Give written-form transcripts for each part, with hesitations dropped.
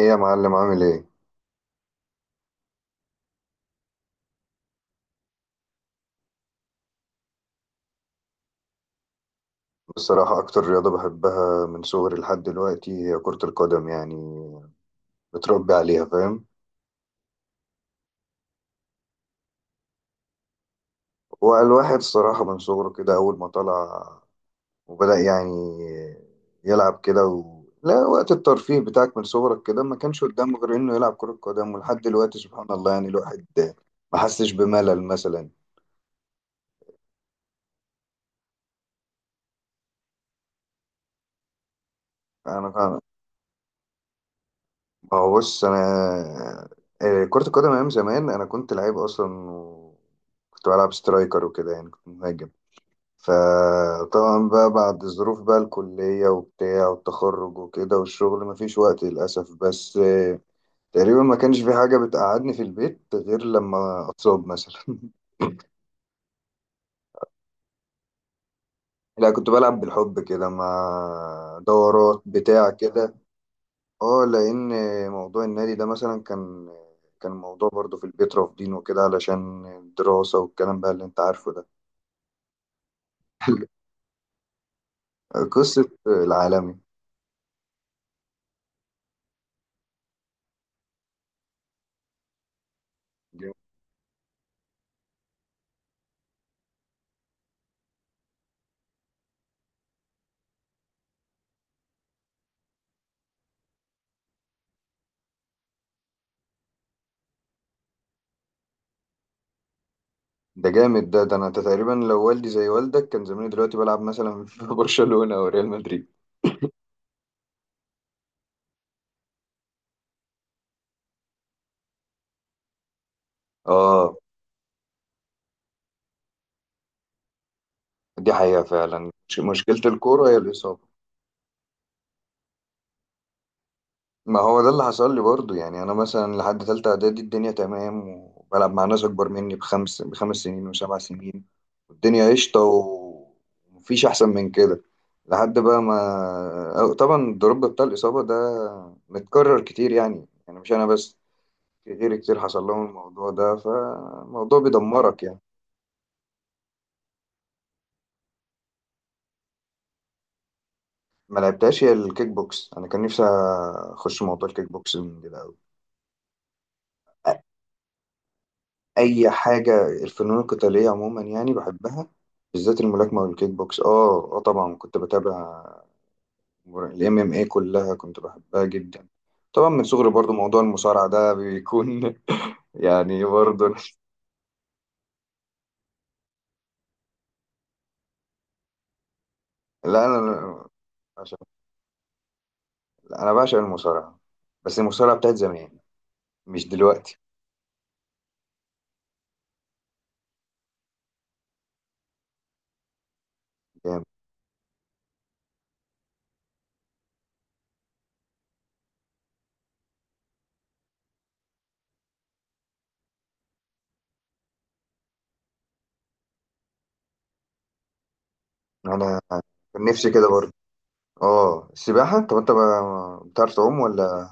ايه يا معلم؟ عامل ايه؟ بصراحة أكتر رياضة بحبها من صغري لحد دلوقتي هي كرة القدم، يعني متربي عليها، فاهم؟ والواحد الصراحة من صغره كده أول ما طلع وبدأ يعني يلعب كده لا، وقت الترفيه بتاعك من صغرك كده ما كانش قدامه غير إنه يلعب كرة قدم، ولحد دلوقتي سبحان الله يعني الواحد ما حسش بملل مثلا. أنا أنا- ما هو بص، أنا كرة القدم أيام زمان أنا كنت لعيب أصلا، كنت بلعب سترايكر وكده، يعني كنت مهاجم. فطبعا بقى بعد الظروف بقى، الكلية وبتاع والتخرج وكده والشغل، مفيش وقت للأسف، بس تقريبا ما كانش في حاجة بتقعدني في البيت غير لما أتصاب مثلا. لا، كنت بلعب بالحب كده مع دورات بتاع كده. اه، لأن موضوع النادي ده مثلا كان موضوع برضه في البيت رافضين وكده علشان الدراسة والكلام بقى اللي انت عارفه ده. قصة العالمي. ده جامد، ده انا تقريبا لو والدي زي والدك كان زماني دلوقتي بلعب مثلا في برشلونة او ريال مدريد. اه، دي حقيقة فعلا. مشكلة الكورة هي الإصابة. ما هو ده اللي حصل لي برضو، يعني انا مثلا لحد تالتة اعدادي الدنيا تمام، وبلعب مع ناس اكبر مني بخمس سنين وسبع سنين، والدنيا قشطة ومفيش احسن من كده. لحد بقى ما، أو طبعا الدروب بتاع الإصابة ده متكرر كتير، يعني مش انا بس، في غيري كتير حصل لهم الموضوع ده، فالموضوع بيدمرك يعني. ما لعبتهاش هي الكيك بوكس. انا كان نفسي اخش موضوع الكيك بوكس من كده قوي. اي حاجه، الفنون القتاليه عموما يعني بحبها، بالذات الملاكمه والكيك بوكس. اه اه، طبعا كنت بتابع. الام ام اي كلها كنت بحبها جدا. طبعا من صغري برضو موضوع المصارعه ده بيكون يعني برضو. لا انا عشان لا، انا بعشق المصارعه، بس المصارعه بتاعت زمان مش دلوقتي. انا كان نفسي كده برضه. اه، السباحه. طب انت بتعرف تعوم ولا؟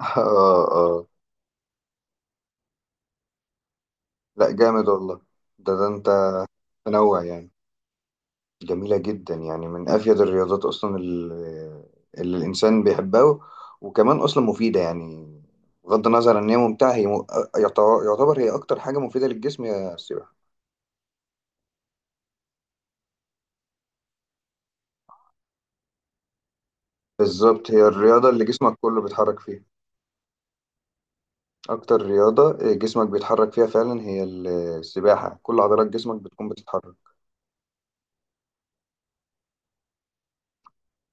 اه اه. لا جامد والله. ده انت تنوع يعني. جميله جدا، يعني من افيد الرياضات اصلا، اللي الانسان بيحبها، وكمان اصلا مفيده يعني. بغض النظر ان هي ممتعه، يعتبر هي اكتر حاجه مفيده للجسم هي السباحه. بالظبط، هي الرياضه اللي جسمك كله بيتحرك فيها. اكتر رياضه جسمك بيتحرك فيها فعلا هي السباحه، كل عضلات جسمك بتكون بتتحرك.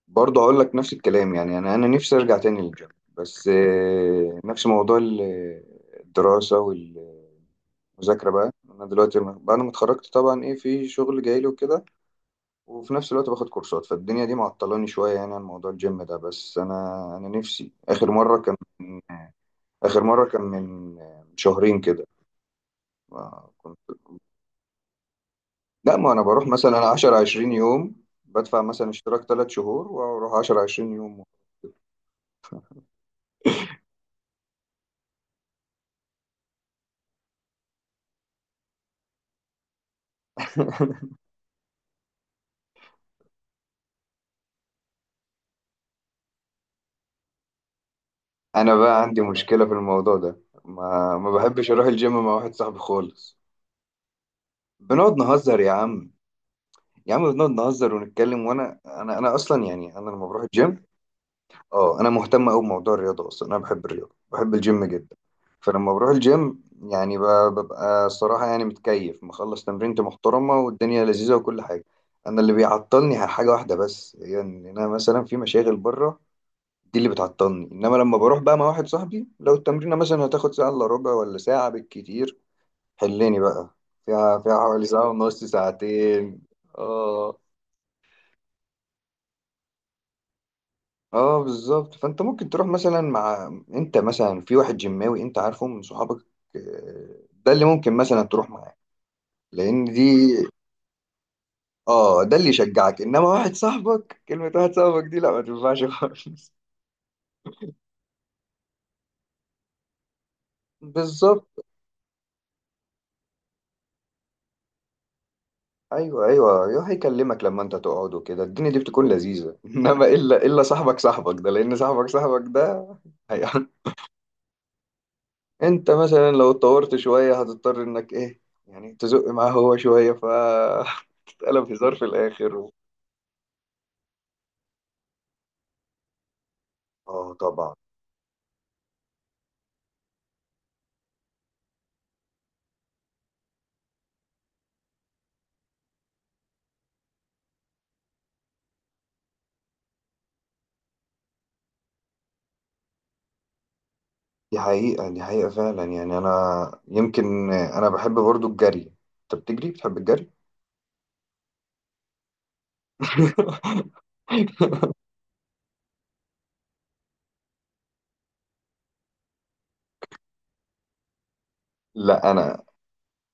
برضه هقول لك نفس الكلام، يعني انا نفسي ارجع تاني للجيم، بس نفس موضوع الدراسه والمذاكره بقى. انا دلوقتي بعد ما اتخرجت طبعا، ايه، في شغل جاي لي وكده، وفي نفس الوقت باخد كورسات، فالدنيا دي معطلاني شويه يعني عن موضوع الجيم ده. بس انا نفسي، اخر مره كان من شهرين كده. ما كنت لا، ما انا بروح مثلا 10 20 يوم، بدفع مثلا اشتراك 3 شهور واروح 10 20 يوم. انا بقى عندي مشكله في الموضوع ده، ما بحبش اروح الجيم مع واحد صاحبي خالص. بنقعد نهزر يا عم. يا عم بنقعد نهزر ونتكلم، وانا انا انا اصلا يعني، انا لما بروح الجيم، اه، انا مهتم قوي بموضوع الرياضه اصلا، انا بحب الرياضه، بحب الجيم جدا. فلما بروح الجيم يعني ببقى الصراحه يعني متكيف، مخلص تمرينتي محترمه، والدنيا لذيذه وكل حاجه. انا اللي بيعطلني حاجه واحده بس، هي ان انا مثلا في مشاغل بره، دي اللي بتعطلني. انما لما بروح بقى مع واحد صاحبي، لو التمرينه مثلا هتاخد ساعه الا ربع ولا ساعه بالكتير، حلني بقى، فيها حوالي ساعه ونص، ساعتين. اه اه بالظبط. فانت ممكن تروح مثلا مع، انت مثلا في واحد جماوي انت عارفه من صحابك، آه، ده اللي ممكن مثلا تروح معاه، لان دي اه، ده اللي يشجعك. انما واحد صاحبك، كلمه واحد صاحبك دي لا ما تنفعش خالص. بالظبط. ايوه ايوه، يروح يكلمك لما انت تقعد وكده، الدنيا دي بتكون لذيذه. انما الا صاحبك، صاحبك ده، لان صاحبك، صاحبك ده هي- انت مثلا لو اتطورت شويه هتضطر انك ايه، يعني تزق معاه هو شويه، ف تتقلب هزار في الاخر. اه طبعا. دي حقيقه فعلا، يعني انا يمكن انا بحب برضو الجري. انت بتجري؟ بتحب الجري؟ لا انا،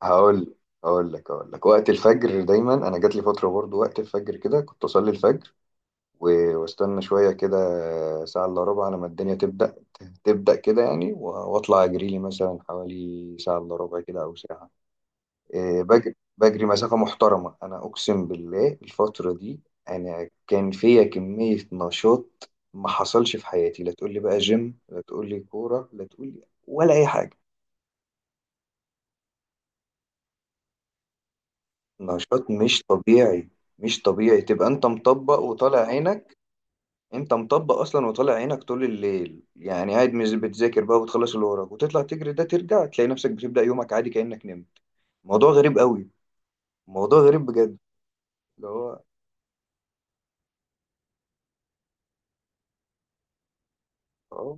هقول هقول لك، وقت الفجر دايما، انا جات لي فتره برضو وقت الفجر كده، كنت اصلي الفجر واستنى شوية كده، ساعة إلا ربع، لما الدنيا تبدأ كده يعني وأطلع أجري لي مثلا حوالي ساعة إلا ربع كده أو ساعة. إيه، بجري مسافة محترمة. أنا أقسم بالله الفترة دي أنا كان فيا كمية نشاط ما حصلش في حياتي، لا تقول لي بقى جيم، لا تقول لي كورة، لا تقول لي ولا أي حاجة. نشاط مش طبيعي. مش طبيعي تبقى أنت مطبق وطالع عينك. انت مطبق اصلا وطالع عينك طول الليل، يعني قاعد مش بتذاكر بقى وتخلص اللي وراك وتطلع تجري، ده ترجع تلاقي نفسك بتبدأ يومك عادي كأنك نمت. موضوع غريب قوي. موضوع غريب بجد. اللي هو اه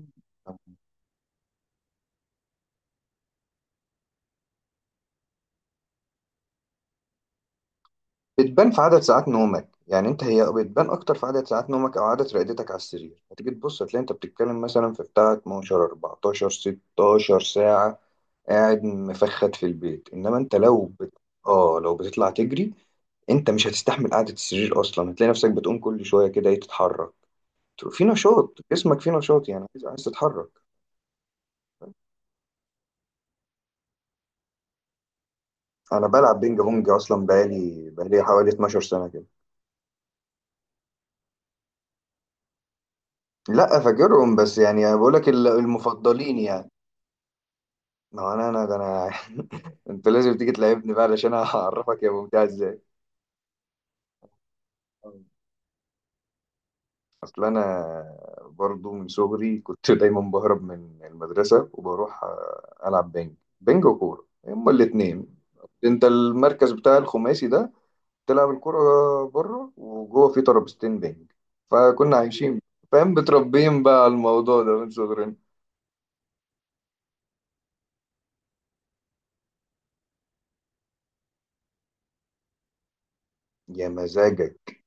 بتبان في عدد ساعات نومك، يعني انت، هي بتبان اكتر في عدد ساعات نومك او عدد رقدتك على السرير. هتيجي تبص هتلاقي انت بتتكلم مثلا في بتاع 12 14 16 ساعة قاعد مفخد في البيت، انما انت لو اه لو بتطلع تجري، انت مش هتستحمل قعدة السرير اصلا، هتلاقي نفسك بتقوم كل شوية كده، ايه، تتحرك، في نشاط، جسمك فيه نشاط يعني، عايز عايز تتحرك. انا بلعب بينج بونج اصلا بقالي حوالي 12 سنة كده. لا فاكرهم، بس يعني انا بقول لك المفضلين يعني. ما هو انا ده انا انت لازم تيجي تلعبني بقى علشان اعرفك يا ممتاز. ازاي؟ اصل انا برضو من صغري كنت دايما بهرب من المدرسه وبروح العب بنج. بنج وكوره هما الاثنين. انت المركز بتاع الخماسي ده، تلعب الكوره بره وجوه، في ترابيزتين بنج، فكنا عايشين، فاهم، متربيين بقى على الموضوع ده من صغرنا. يا مزاجك.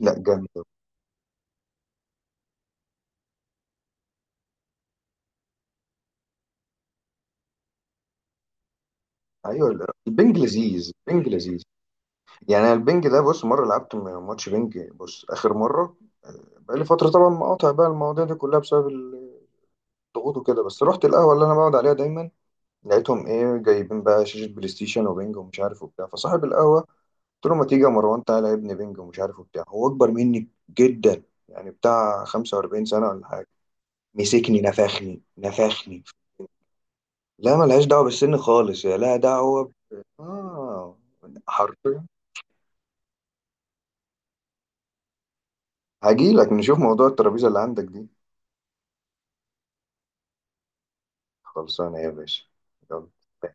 لا جامد. ايوه، لا، البنج لذيذ، البنج لذيذ، يعني. أنا البنج ده بص، مره لعبت ماتش بنج، بص، اخر مره بقالي فتره طبعا، مقاطع بقى المواضيع دي كلها بسبب ضغوط وكده، بس رحت القهوة اللي أنا بقعد عليها دايما، لقيتهم إيه، جايبين بقى شاشة بلاي ستيشن وبنج ومش عارف وبتاع. فصاحب القهوة قلت له: ما تيجي يا مروان، تعالى يا ابني بنج ومش عارف وبتاع. هو أكبر مني جدا، يعني بتاع 45 سنة ولا حاجة. مسكني نفخني نفخني. لا ملهاش دعوة بالسن خالص، يا لا دعوة ب... آه حرفيا. هجيلك نشوف موضوع الترابيزة اللي عندك دي. خلصانة يا باشا. يلا.